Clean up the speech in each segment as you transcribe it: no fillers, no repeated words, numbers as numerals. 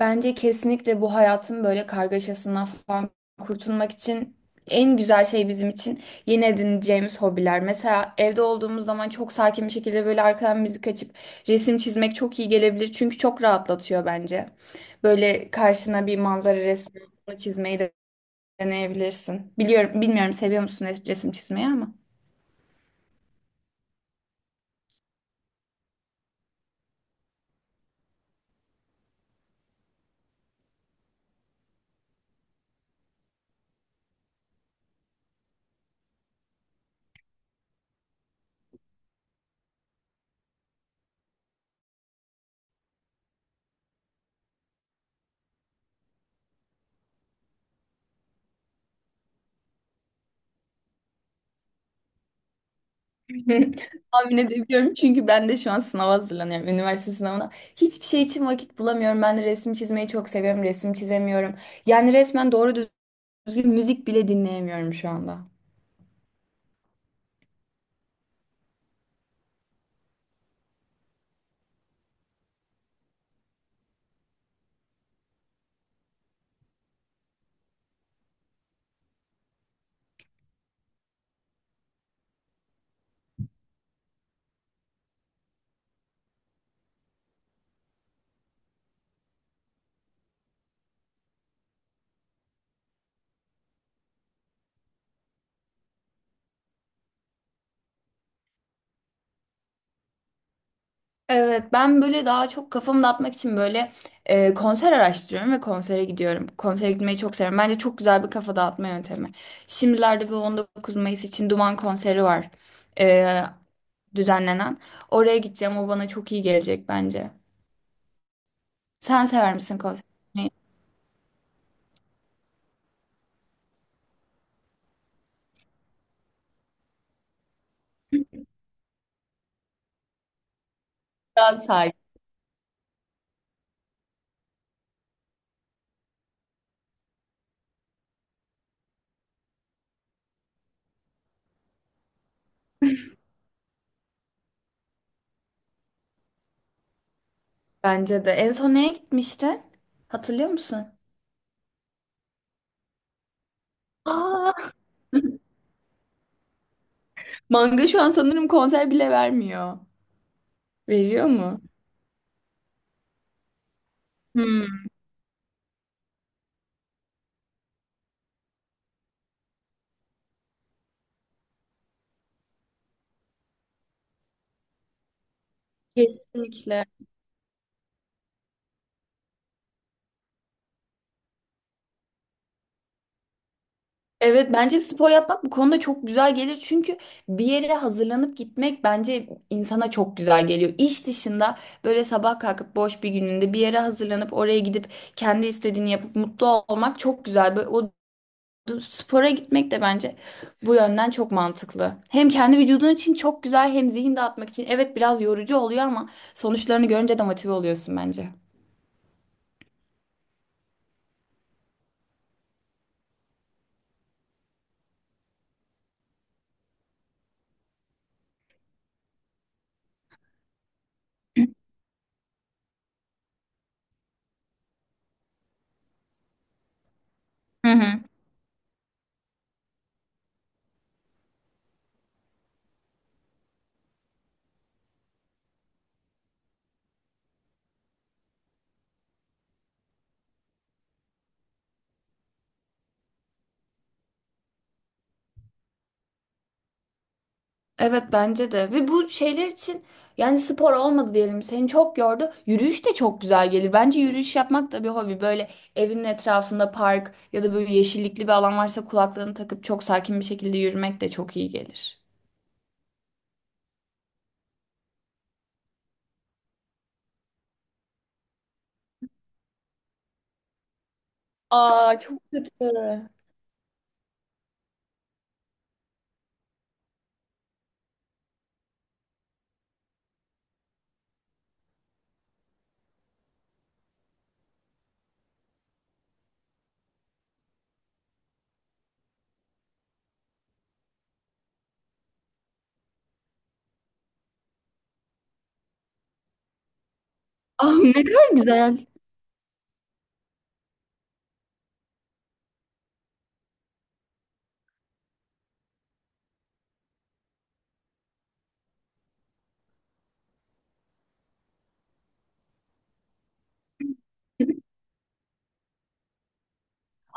Bence kesinlikle bu hayatın böyle kargaşasından falan kurtulmak için en güzel şey bizim için yeni edineceğimiz hobiler. Mesela evde olduğumuz zaman çok sakin bir şekilde böyle arkadan müzik açıp resim çizmek çok iyi gelebilir. Çünkü çok rahatlatıyor bence. Böyle karşına bir manzara resmi çizmeyi de deneyebilirsin. Biliyorum, bilmiyorum seviyor musun resim çizmeyi ama. Tahmin edebiliyorum çünkü ben de şu an sınava hazırlanıyorum. Üniversite sınavına. Hiçbir şey için vakit bulamıyorum. Ben de resim çizmeyi çok seviyorum. Resim çizemiyorum. Yani resmen doğru düzgün müzik bile dinleyemiyorum şu anda. Evet ben böyle daha çok kafamı dağıtmak için böyle konser araştırıyorum ve konsere gidiyorum. Konsere gitmeyi çok seviyorum. Bence çok güzel bir kafa dağıtma yöntemi. Şimdilerde bu 19 Mayıs için Duman konseri var e, düzenlenen. Oraya gideceğim o bana çok iyi gelecek bence. Sen sever misin konser? Daha sakin. Bence de. En son neye gitmişti? Hatırlıyor musun? Aa, manga şu an sanırım konser bile vermiyor. Veriyor mu? Hmm, kesinlikle. Evet bence spor yapmak bu konuda çok güzel gelir. Çünkü bir yere hazırlanıp gitmek bence insana çok güzel geliyor. İş dışında böyle sabah kalkıp boş bir gününde bir yere hazırlanıp oraya gidip kendi istediğini yapıp mutlu olmak çok güzel. Böyle, o spora gitmek de bence bu yönden çok mantıklı. Hem kendi vücudun için çok güzel hem zihin dağıtmak için. Evet biraz yorucu oluyor ama sonuçlarını görünce de motive oluyorsun bence. Hı hı. Evet bence de ve bu şeyler için yani spor olmadı diyelim seni çok yordu yürüyüş de çok güzel gelir bence yürüyüş yapmak da bir hobi böyle evinin etrafında park ya da böyle yeşillikli bir alan varsa kulaklığını takıp çok sakin bir şekilde yürümek de çok iyi gelir. Aa çok kötü. Ah ne kadar güzel.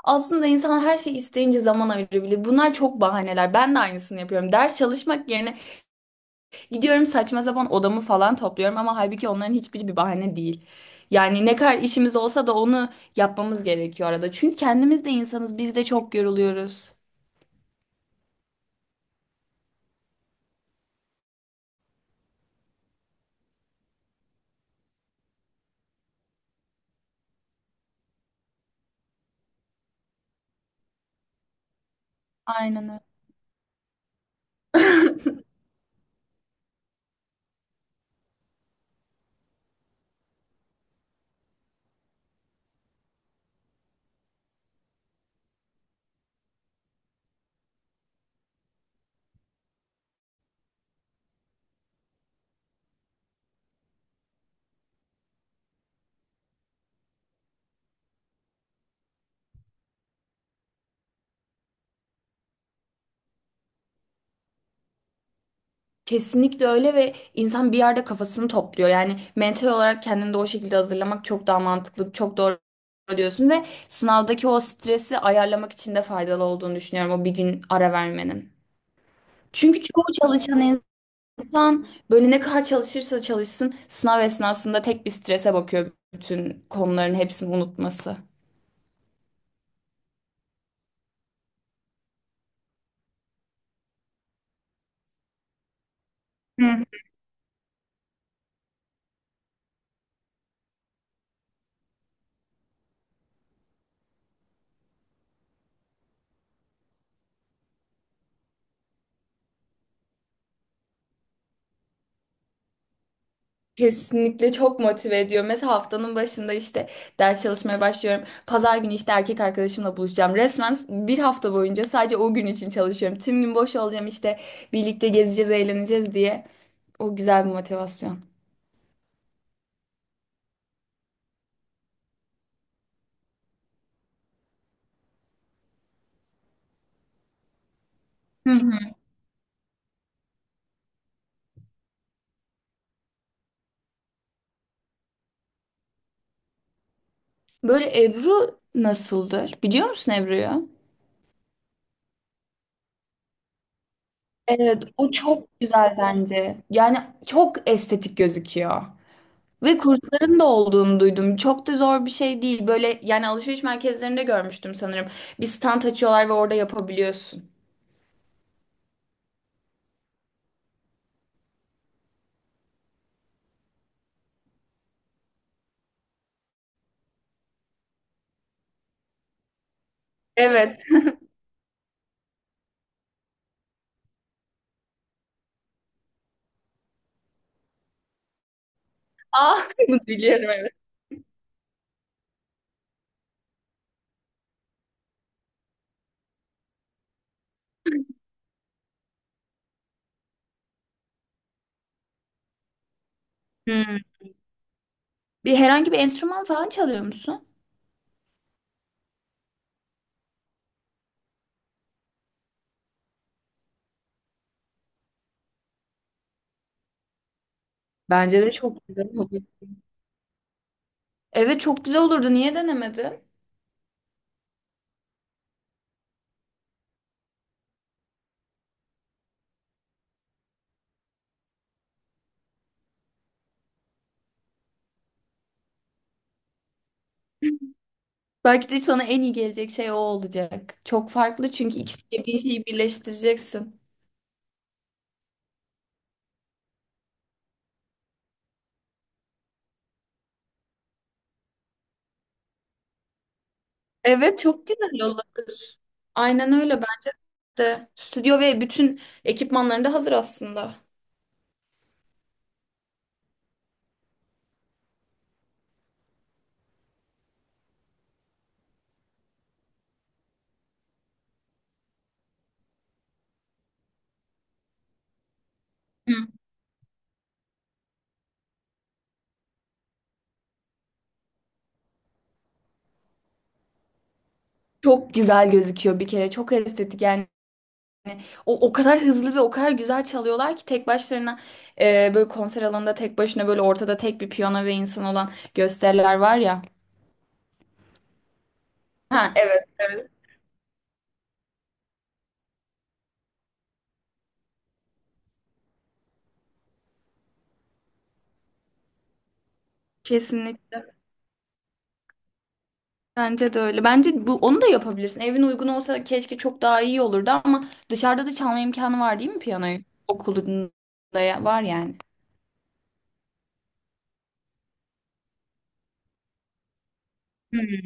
Aslında insan her şeyi isteyince zaman ayırabilir. Bunlar çok bahaneler. Ben de aynısını yapıyorum. Ders çalışmak yerine gidiyorum saçma sapan odamı falan topluyorum ama halbuki onların hiçbiri bir bahane değil. Yani ne kadar işimiz olsa da onu yapmamız gerekiyor arada. Çünkü kendimiz de insanız. Biz de çok yoruluyoruz. Aynen öyle. Kesinlikle öyle ve insan bir yerde kafasını topluyor. Yani mental olarak kendini de o şekilde hazırlamak çok daha mantıklı, çok doğru diyorsun ve sınavdaki o stresi ayarlamak için de faydalı olduğunu düşünüyorum o bir gün ara vermenin. Çünkü çoğu çalışan insan böyle ne kadar çalışırsa çalışsın sınav esnasında tek bir strese bakıyor bütün konuların hepsini unutması. Hı. Kesinlikle çok motive ediyor. Mesela haftanın başında işte ders çalışmaya başlıyorum. Pazar günü işte erkek arkadaşımla buluşacağım. Resmen bir hafta boyunca sadece o gün için çalışıyorum. Tüm gün boş olacağım işte birlikte gezeceğiz, eğleneceğiz diye. O güzel bir motivasyon. Hı hı. Böyle Ebru nasıldır? Biliyor musun Ebru'yu? Evet, o çok güzel bence. Yani çok estetik gözüküyor. Ve kursların da olduğunu duydum. Çok da zor bir şey değil. Böyle yani alışveriş merkezlerinde görmüştüm sanırım. Bir stand açıyorlar ve orada yapabiliyorsun. Evet. Aa, bunu biliyorum evet. Hmm. Bir herhangi bir enstrüman falan çalıyor musun? Bence de çok güzel olur. Evet çok güzel olurdu. Niye denemedin? Belki de sana en iyi gelecek şey o olacak. Çok farklı çünkü iki sevdiğin şeyi birleştireceksin. Evet çok güzel olur. Aynen öyle bence. De. Stüdyo ve bütün ekipmanların da hazır aslında. Hı. Çok güzel gözüküyor bir kere. Çok estetik yani. O kadar hızlı ve o kadar güzel çalıyorlar ki tek başlarına böyle konser alanında tek başına böyle ortada tek bir piyano ve insan olan gösteriler var ya. Ha evet evet. Kesinlikle bence de öyle. Bence bu onu da yapabilirsin. Evin uygun olsa keşke çok daha iyi olurdu ama dışarıda da çalma imkanı var değil mi piyanoyu? Okulunda ya- var yani. Hı.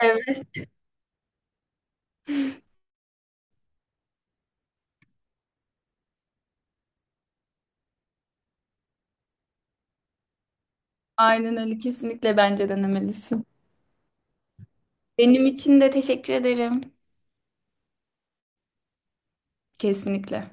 Evet. Aynen öyle. Kesinlikle bence denemelisin. Benim için de teşekkür ederim. Kesinlikle.